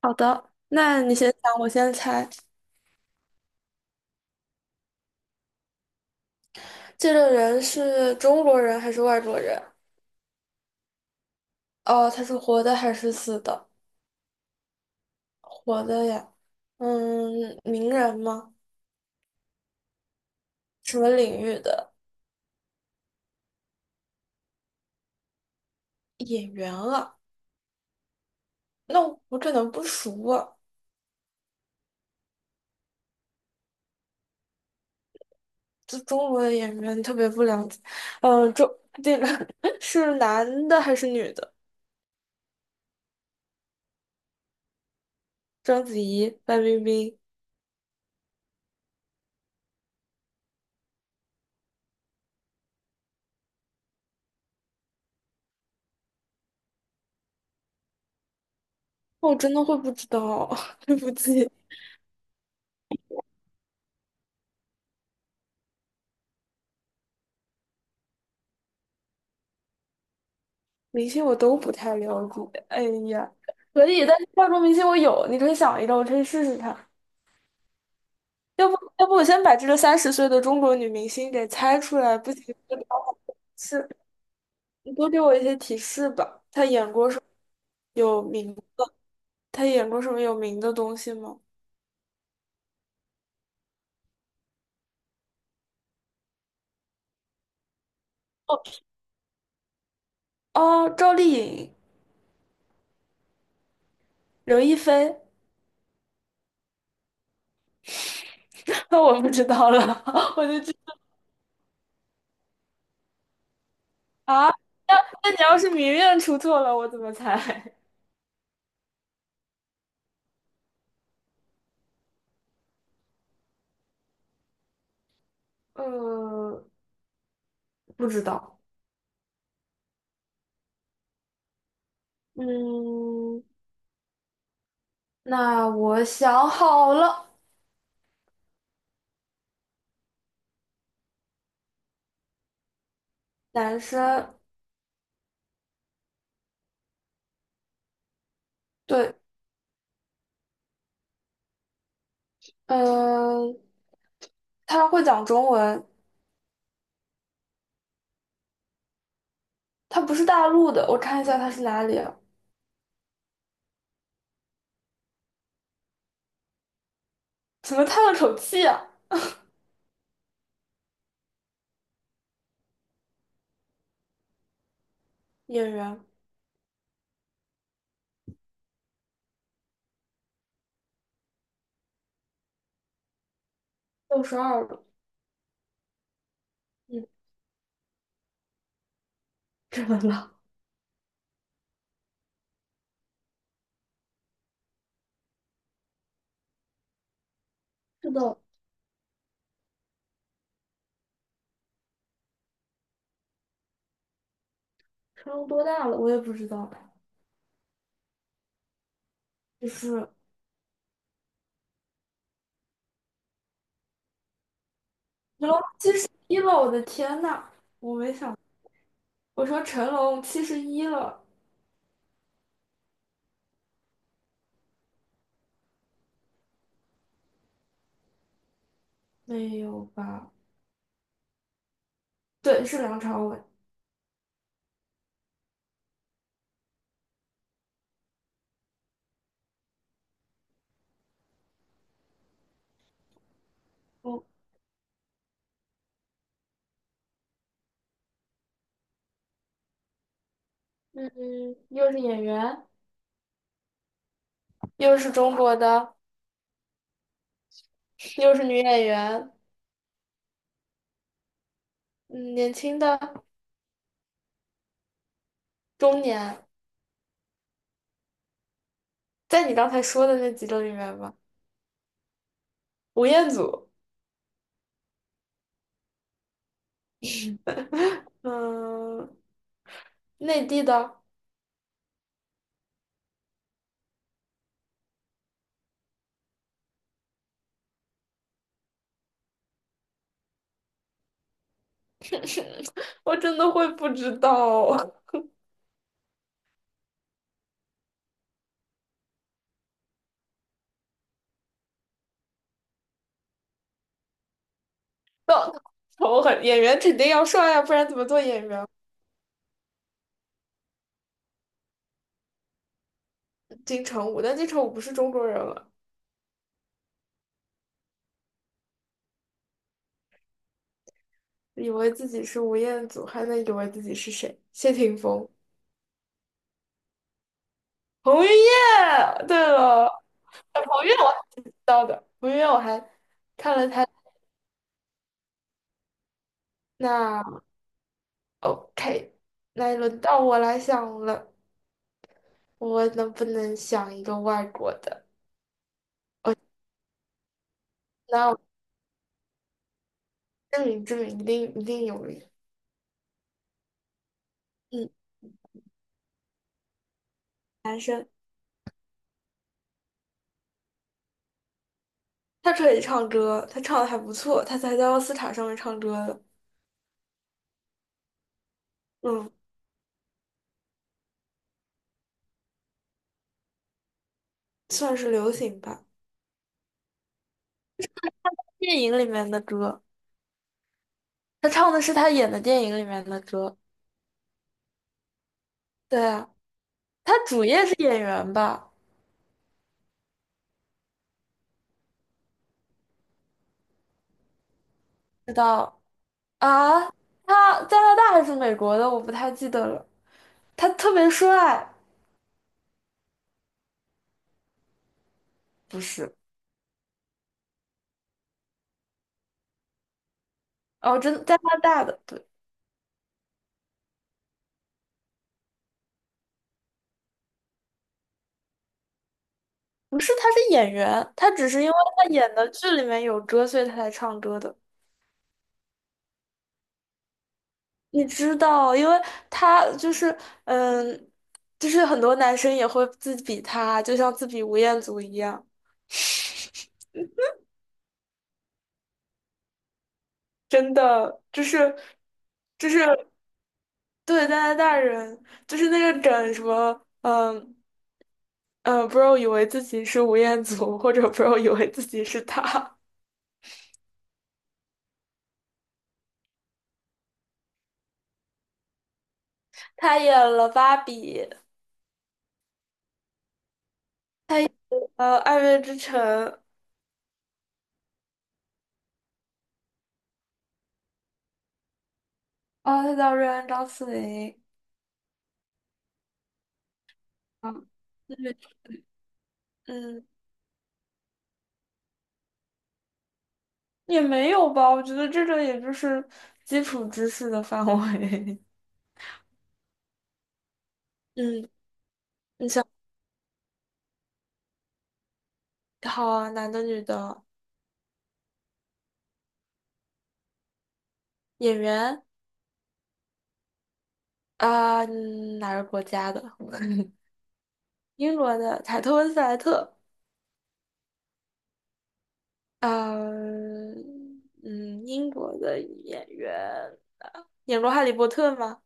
好的，那你先想，我先猜。这个人是中国人还是外国人？哦，他是活的还是死的？活的呀。嗯，名人吗？什么领域的演员啊？那我可能不熟啊，这中国的演员特别不了解。嗯，中这个 是男的还是女的？章子怡、范冰冰。我真的会不知道啊，对不起。明星我都不太了解。哎呀，可以，但是化妆明星我有，你可以想一个，我可以试试看。要不我先把这个30岁的中国女明星给猜出来，不行就聊好是，你多给我一些提示吧。她演过什么有名？她演过什么有名的东西吗？哦，哦，赵丽颖、刘亦菲，那我不知道了，我就知啊。那你要是明面出错了，我怎么猜？嗯，不知道。嗯，那我想好了，男生，对，嗯，他会讲中文，他不是大陆的，我看一下他是哪里啊？怎么叹了口气啊？演员，62了，嗯，怎么了？是的，成龙多大了？我也不知道，就是成龙一了，我的天呐，我没想，我说成龙71了，没有吧？对，是梁朝伟，嗯，嗯，又是演员，又是中国的，又是女演员。嗯，年轻的、中年，在你刚才说的那几种里面吧，吴彦祖，嗯，内地的，我真的会不知道。那丑很演员肯定要帅呀、不然怎么做演员？金城武，但金城武不是中国人了，以为自己是吴彦祖，还能以为自己是谁？谢霆锋、彭于晏。对了，哎彭于晏我还挺知道的，彭于晏我还看了他那 OK。那轮到我来想了。我能不能想一个外国的？我那我证明证明，一定一定有名。嗯，他可以唱歌，他唱的还不错，他才在奥斯卡上面唱歌的。嗯，算是流行吧，电影里面的歌。他唱的是他演的电影里面的歌。对啊，他主业是演员吧？知道啊？他加拿大还是美国的？我不太记得了。他特别帅，不是？哦，真加拿大的，对。不是，他是演员，他只是因为他演的剧里面有歌，所以他才唱歌的。你知道，因为他就是，嗯，就是很多男生也会自比他，就像自比吴彦祖一样，真的，就是，就是对加拿大人，就是那个梗什么，嗯嗯，bro 以为自己是吴彦祖，或者 bro 以为自己是他。他演了芭比，呃，《爱乐之城》，哦，他叫瑞安·张思霖。嗯，对，嗯，也没有吧，我觉得这个也就是基础知识的范围。嗯，好啊，男的、女的，演员啊，嗯哪个国家的？英国的凯特温斯莱特，嗯嗯，英国的演员，演过《哈利波特》吗？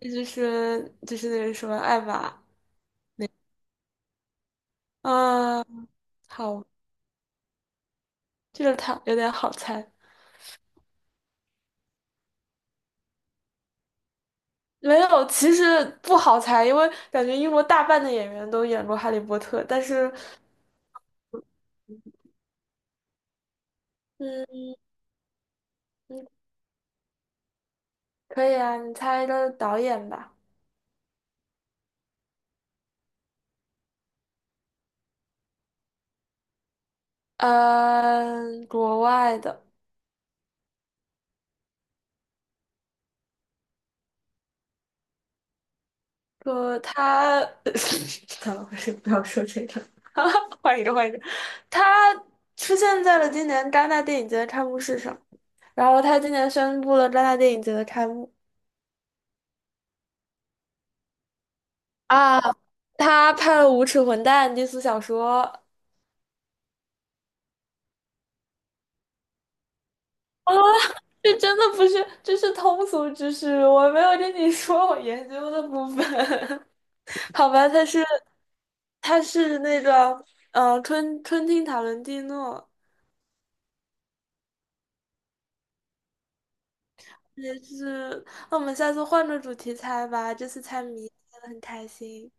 就是那个什么艾玛，啊，好，这个他有点好猜，没有，其实不好猜，因为感觉英国大半的演员都演过《哈利波特》，但是，嗯，可以啊，你猜一个导演吧。嗯，国外的，说他，怎么回事？不要说这个，换一个，换一个。他出现在了今年戛纳电影节的开幕式上，然后他今年宣布了戛纳电影节的开幕啊，他拍了《无耻混蛋》第四小说，啊，这真的不是，这是通俗知识，我没有跟你说我研究的部分。好吧，它是那个春春汀塔伦蒂诺，也是。那我们下次换个主题猜吧，这次猜谜猜的很开心，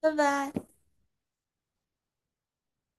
拜拜。